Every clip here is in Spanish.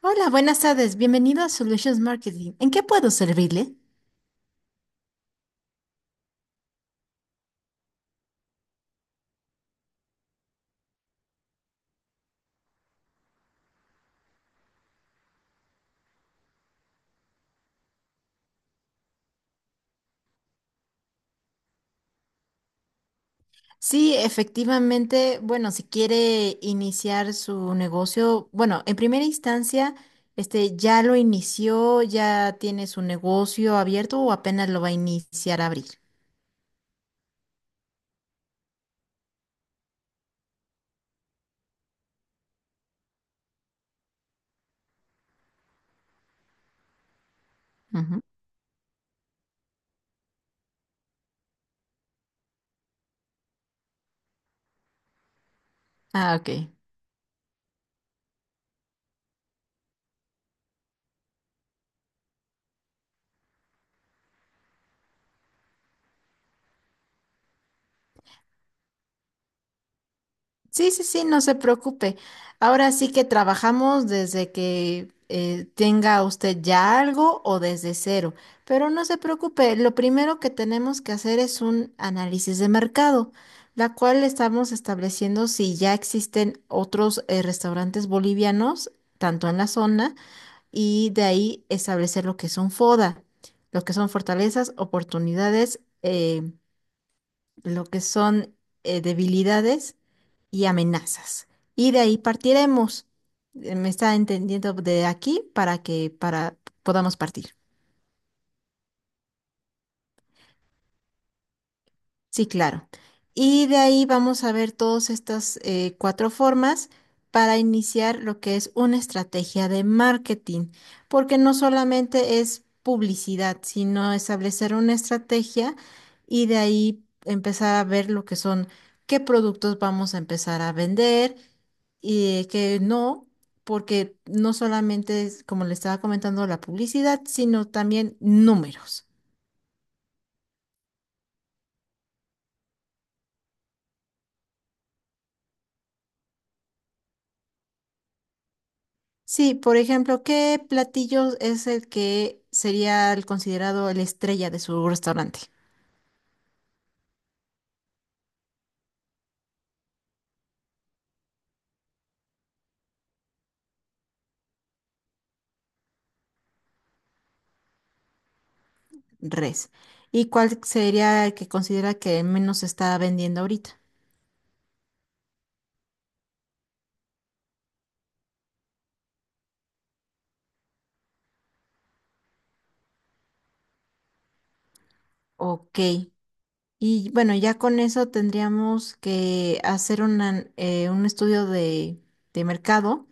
Hola, buenas tardes. Bienvenido a Solutions Marketing. ¿En qué puedo servirle? Sí, efectivamente, bueno, si quiere iniciar su negocio, bueno, en primera instancia, ¿ya lo inició, ya tiene su negocio abierto o apenas lo va a iniciar a abrir? Ujú. Ah, ok. Sí, sí, sí, no se preocupe. Ahora sí que trabajamos desde que tenga usted ya algo o desde cero, pero no se preocupe, lo primero que tenemos que hacer es un análisis de mercado, la cual estamos estableciendo si ya existen otros restaurantes bolivianos, tanto en la zona, y de ahí establecer lo que son FODA, lo que son fortalezas, oportunidades. Lo que son debilidades y amenazas. Y de ahí partiremos. ¿Me está entendiendo de aquí para que para podamos partir? Sí, claro. Y de ahí vamos a ver todas estas cuatro formas para iniciar lo que es una estrategia de marketing, porque no solamente es publicidad, sino establecer una estrategia y de ahí empezar a ver lo que son, qué productos vamos a empezar a vender. Y que no, porque no solamente es, como le estaba comentando, la publicidad, sino también números. Sí, por ejemplo, ¿qué platillo es el que sería el considerado la estrella de su restaurante? Res. ¿Y cuál sería el que considera que menos se está vendiendo ahorita? Ok. Y bueno, ya con eso tendríamos que hacer un estudio de mercado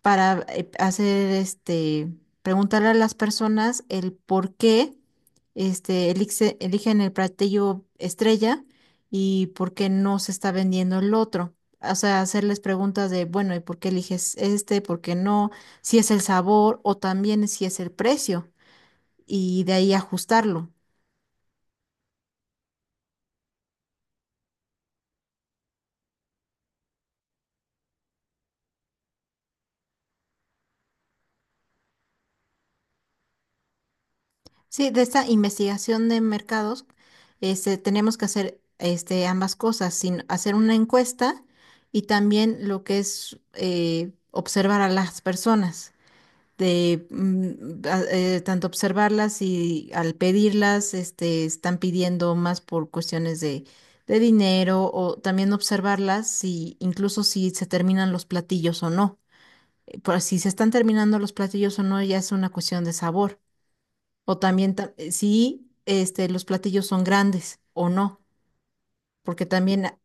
para hacer preguntarle a las personas el por qué eligen el platillo estrella y por qué no se está vendiendo el otro. O sea, hacerles preguntas de, bueno, ¿y por qué eliges este? ¿Por qué no? Si es el sabor o también si es el precio y de ahí ajustarlo. Sí, de esta investigación de mercados, tenemos que hacer ambas cosas, sin hacer una encuesta y también lo que es observar a las personas, tanto observarlas y al pedirlas, están pidiendo más por cuestiones de dinero o también observarlas si incluso si se terminan los platillos o no. Por si se están terminando los platillos o no, ya es una cuestión de sabor. O también, si los platillos son grandes o no, porque también,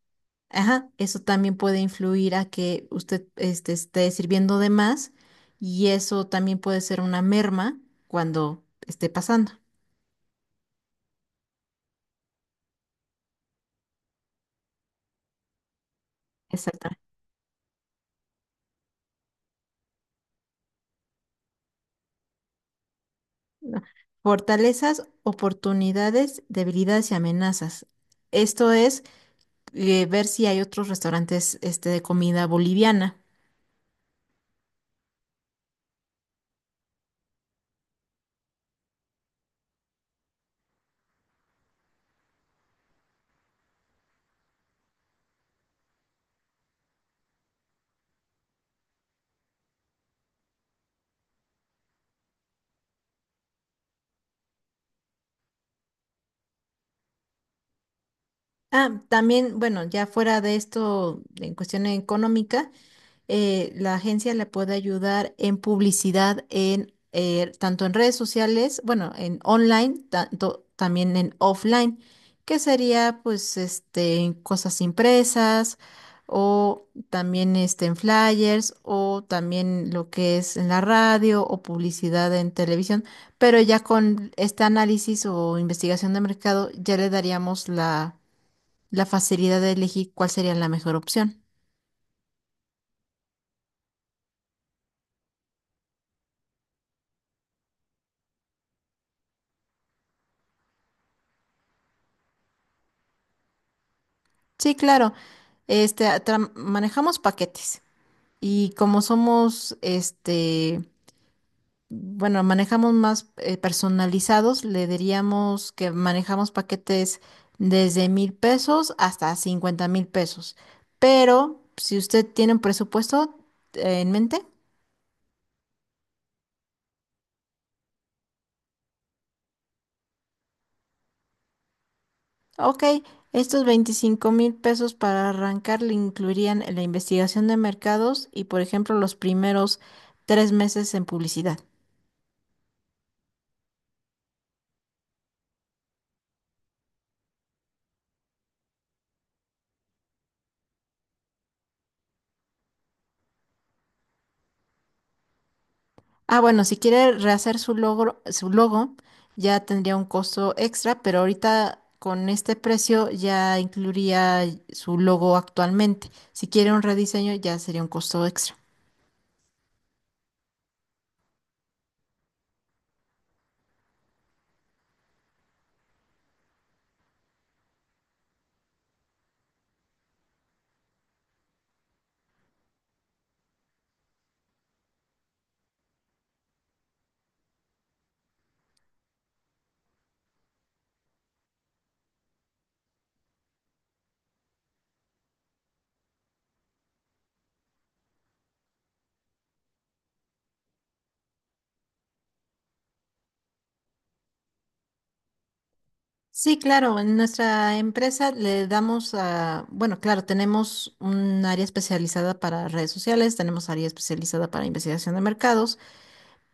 ajá, eso también puede influir a que usted esté sirviendo de más y eso también puede ser una merma cuando esté pasando. Exactamente. ¿No? Fortalezas, oportunidades, debilidades y amenazas. Esto es ver si hay otros restaurantes de comida boliviana. Ah, también, bueno, ya fuera de esto, en cuestión económica. La agencia le puede ayudar en publicidad en tanto en redes sociales, bueno, en online, tanto también en offline, que sería pues este cosas impresas o también este en flyers o también lo que es en la radio o publicidad en televisión, pero ya con este análisis o investigación de mercado ya le daríamos la la facilidad de elegir cuál sería la mejor opción. Sí, claro. Manejamos paquetes y como somos, bueno, manejamos más personalizados, le diríamos que manejamos paquetes desde 1,000 pesos hasta 50,000 pesos. Pero si usted tiene un presupuesto en mente, ok, estos 25,000 pesos para arrancar le incluirían la investigación de mercados y, por ejemplo, los primeros 3 meses en publicidad. Ah, bueno, si quiere rehacer su logro, su logo, ya tendría un costo extra, pero ahorita con este precio ya incluiría su logo actualmente. Si quiere un rediseño, ya sería un costo extra. Sí, claro, en nuestra empresa le damos a, bueno, claro, tenemos un área especializada para redes sociales, tenemos área especializada para investigación de mercados.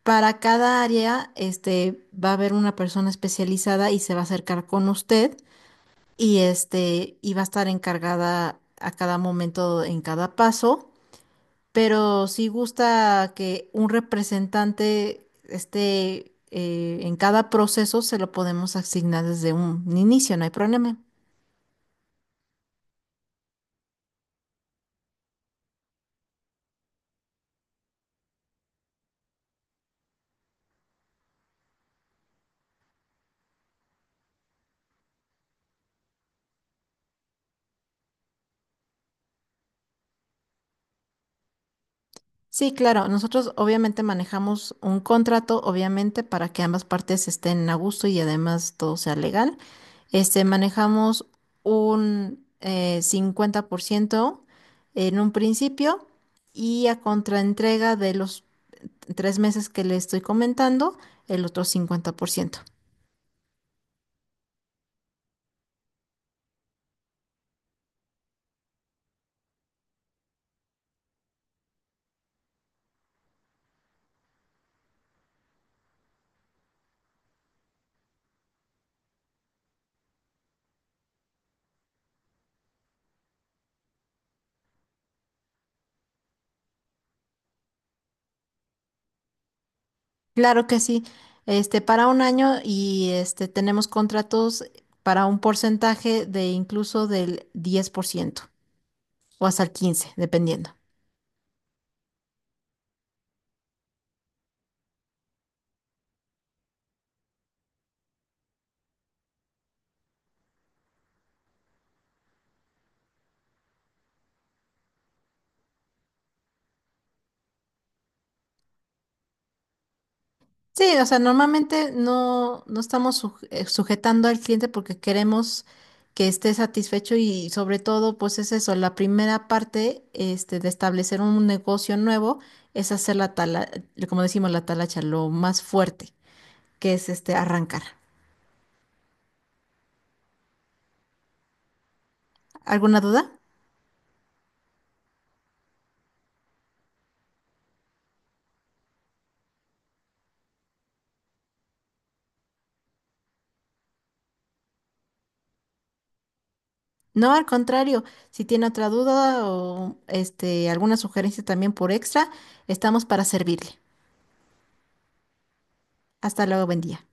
Para cada área, va a haber una persona especializada y se va a acercar con usted y este iba a estar encargada a cada momento en cada paso, pero sí gusta que un representante esté en cada proceso, se lo podemos asignar desde un inicio, no hay problema. Sí, claro, nosotros obviamente manejamos un contrato, obviamente, para que ambas partes estén a gusto y además todo sea legal. Manejamos un 50% en un principio y a contraentrega de los 3 meses que le estoy comentando, el otro 50%. Claro que sí, para un año y tenemos contratos para un porcentaje de incluso del 10% o hasta el 15%, dependiendo. Sí, o sea, normalmente no, no estamos sujetando al cliente porque queremos que esté satisfecho y sobre todo, pues es eso, la primera parte de establecer un negocio nuevo es hacer la tala, como decimos, la talacha, lo más fuerte, que es este arrancar. ¿Alguna duda? No, al contrario, si tiene otra duda o alguna sugerencia también por extra, estamos para servirle. Hasta luego, buen día.